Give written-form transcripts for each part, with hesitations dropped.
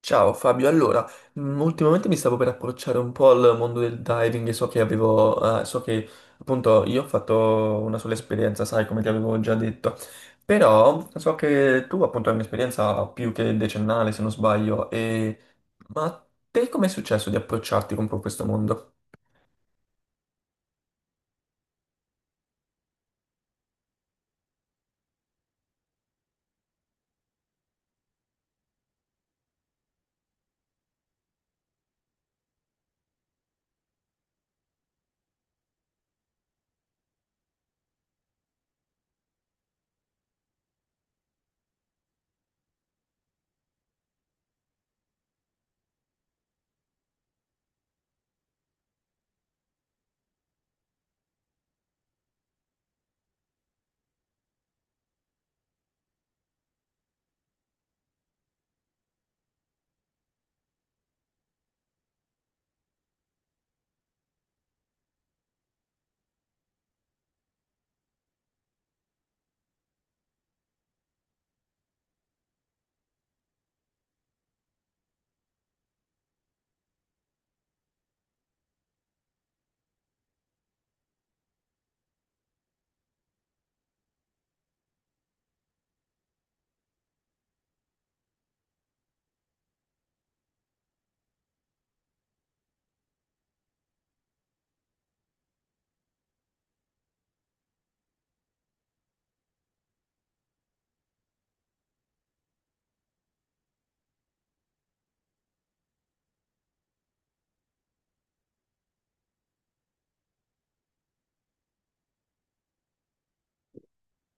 Ciao Fabio, allora, ultimamente mi stavo per approcciare un po' al mondo del diving e so che appunto io ho fatto una sola esperienza, sai, come ti avevo già detto, però so che tu appunto hai un'esperienza più che decennale, se non sbaglio. Ma a te com'è successo di approcciarti con questo mondo?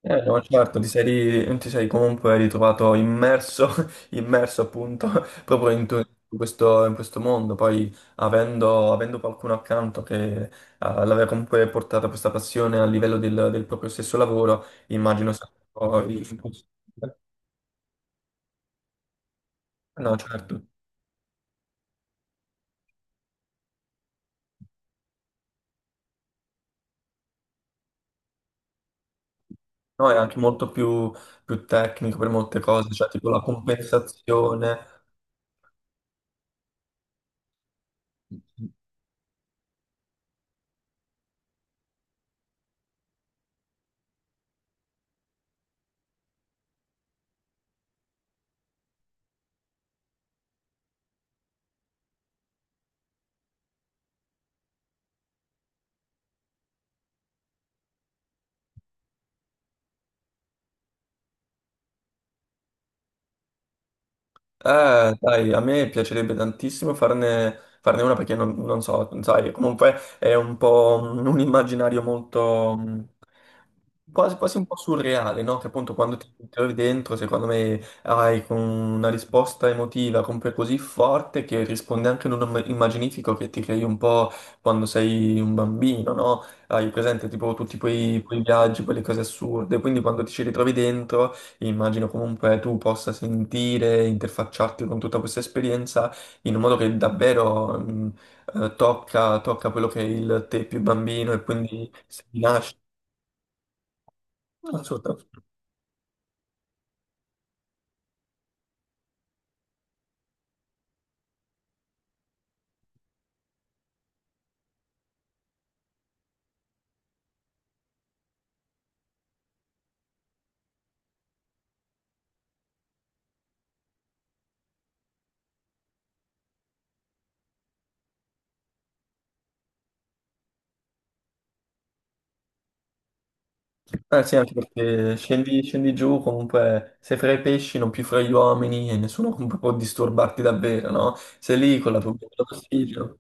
No, certo, ti sei comunque ritrovato immerso, immerso appunto proprio in questo mondo. Poi avendo qualcuno accanto che l'aveva comunque portata questa passione a livello del, del proprio stesso lavoro, immagino sia un po'. No, certo. No, è anche molto più tecnico per molte cose, cioè tipo la compensazione. Dai, a me piacerebbe tantissimo farne una perché non so, sai, comunque è un po' un immaginario molto quasi, quasi un po' surreale, no? Che appunto quando ti trovi dentro, secondo me hai con una risposta emotiva comunque così forte che risponde anche in un immaginifico che ti crei un po' quando sei un bambino, no? Hai presente tipo tutti quei viaggi, quelle cose assurde, quindi quando ti ci ritrovi dentro. Immagino comunque tu possa sentire, interfacciarti con tutta questa esperienza in un modo che davvero tocca quello che è il te più bambino e quindi si nasce. Assolutamente. Eh sì, anche perché scendi giù, comunque sei fra i pesci, non più fra gli uomini e nessuno comunque può disturbarti davvero, no? Sei lì con la tua boccetta d'ossigeno.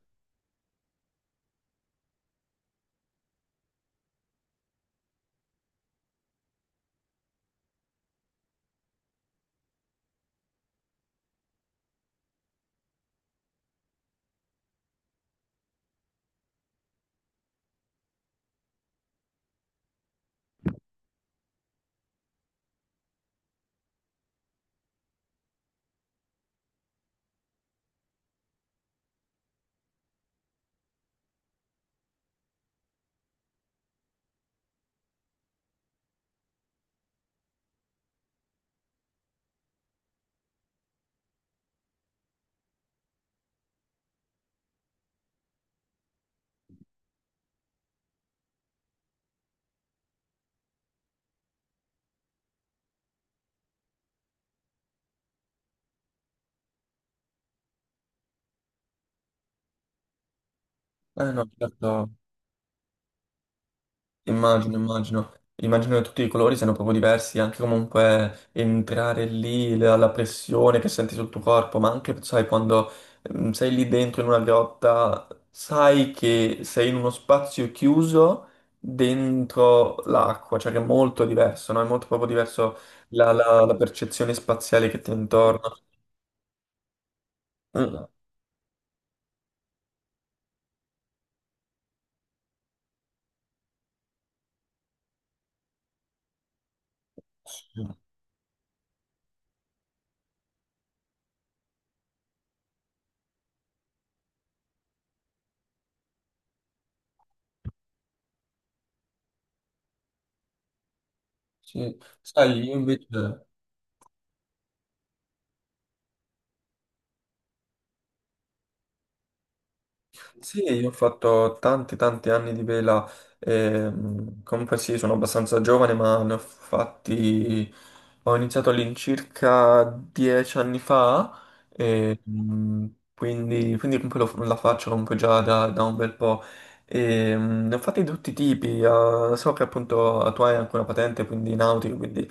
Eh no, certo. Immagino che tutti i colori siano proprio diversi, anche comunque entrare lì, la pressione che senti sul tuo corpo, ma anche, sai, quando sei lì dentro in una grotta, sai che sei in uno spazio chiuso dentro l'acqua, cioè che è molto diverso, no? È molto proprio diverso la percezione spaziale che ti è intorno. Mm, sì. Sai, io invece. Sì, io ho fatto tanti tanti anni di vela, comunque sì, sono abbastanza giovane, ma ne ho fatti, ho iniziato all'incirca 10 anni fa. e, mm, quindi comunque la faccio comunque già da un bel po'. E, ne ho fatti di tutti i tipi, so che appunto tu hai anche una patente, quindi nautica, quindi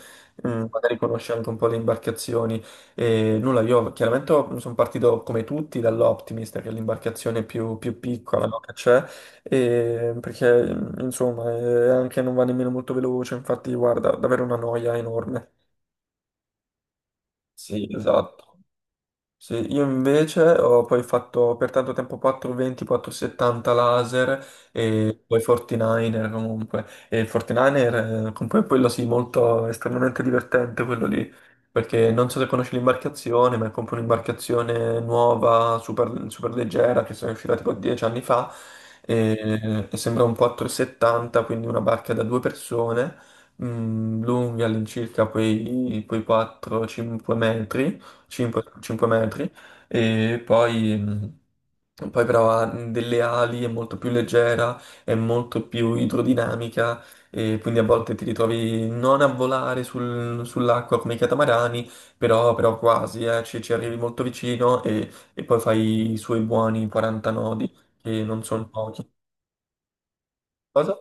magari conosci anche un po' le imbarcazioni. E nulla, io chiaramente sono partito come tutti dall'Optimist, che è l'imbarcazione più piccola, no, che c'è, perché insomma anche non va nemmeno molto veloce, infatti guarda, davvero una noia enorme. Sì, esatto, esatto. Sì, io invece ho poi fatto per tanto tempo 420, 470 laser e poi 49er comunque. E il 49er, comunque quello sì, molto estremamente divertente quello lì, perché non so se conosci l'imbarcazione, ma è comunque un'imbarcazione nuova, super, super leggera, che è uscita tipo 10 anni fa, e sembra un 470, quindi una barca da due persone, lunghi all'incirca quei 4-5 metri. 5, 5 metri e poi però ha delle ali, è molto più leggera, è molto più idrodinamica e quindi a volte ti ritrovi non a volare sull'acqua come i catamarani, però quasi, ci arrivi molto vicino e poi fai i suoi buoni 40 nodi che non sono pochi. Cosa?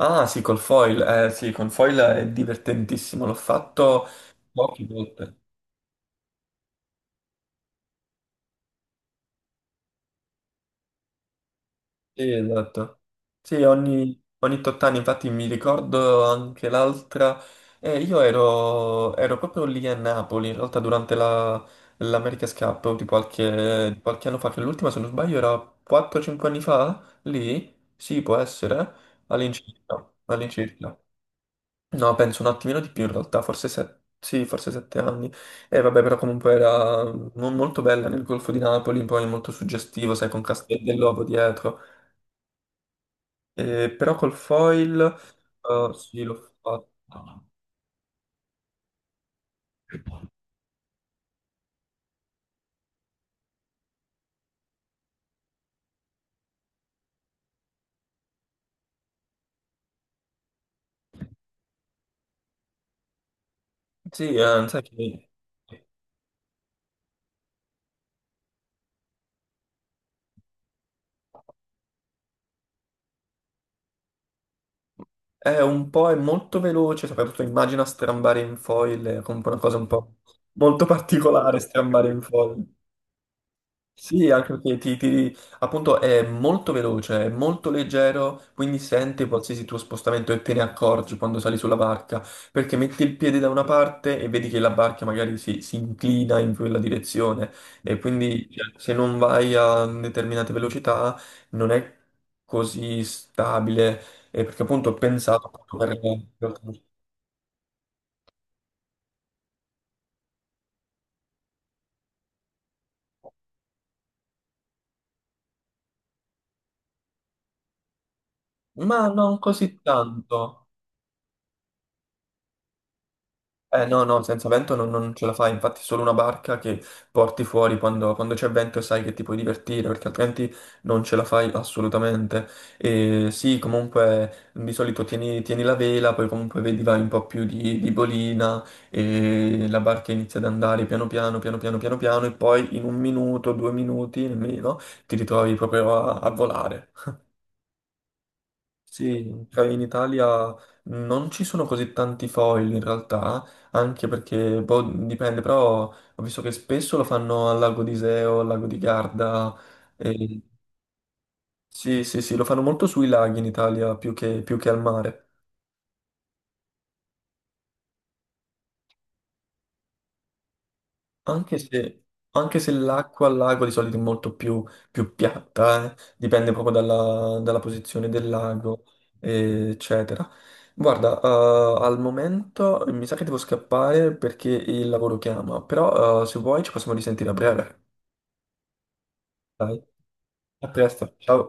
Ah sì, col foil, sì, con foil è divertentissimo, l'ho fatto poche volte. Sì, esatto. Sì, ogni tot anni, infatti mi ricordo anche l'altra, io ero proprio lì a Napoli, in realtà durante l'America's Cup di qualche anno fa, che l'ultima se non sbaglio era 4-5 anni fa, lì, sì può essere, all'incirca, all'incirca. No, penso un attimino di più in realtà, forse 7, sì, forse 7 anni. E vabbè, però comunque era molto bella nel Golfo di Napoli, poi molto suggestivo, sai, con Castel dell'Ovo dietro. Però col foil, sì, l'ho fatto. Sì, sai che è un po', è molto veloce, soprattutto immagina strambare in foil, è comunque una cosa un po' molto particolare strambare in foil. Sì, anche perché appunto è molto veloce, è molto leggero, quindi sente qualsiasi tuo spostamento e te ne accorgi quando sali sulla barca, perché metti il piede da una parte e vedi che la barca magari si inclina in quella direzione e quindi cioè, se non vai a determinate velocità non è così stabile, perché appunto ho pensato appunto per- Ma non così tanto. No, no, senza vento non ce la fai, infatti è solo una barca che porti fuori quando c'è vento e sai che ti puoi divertire, perché altrimenti non ce la fai assolutamente. E sì, comunque di solito tieni la vela, poi comunque vedi vai un po' più di bolina e la barca inizia ad andare piano piano, piano piano, piano piano e poi in un minuto, 2 minuti nemmeno ti ritrovi proprio a volare. Sì, cioè in Italia non ci sono così tanti foil in realtà, anche perché boh, dipende, però ho visto che spesso lo fanno al lago di Seo, al lago di Garda, e- sì, sì, sì, lo fanno molto sui laghi in Italia più che, al mare. Anche se, anche se l'acqua al lago di solito è molto più piatta. Dipende proprio dalla posizione del lago, eccetera. Guarda, al momento mi sa che devo scappare perché il lavoro chiama, però se vuoi ci possiamo risentire a breve. Dai, a presto, ciao.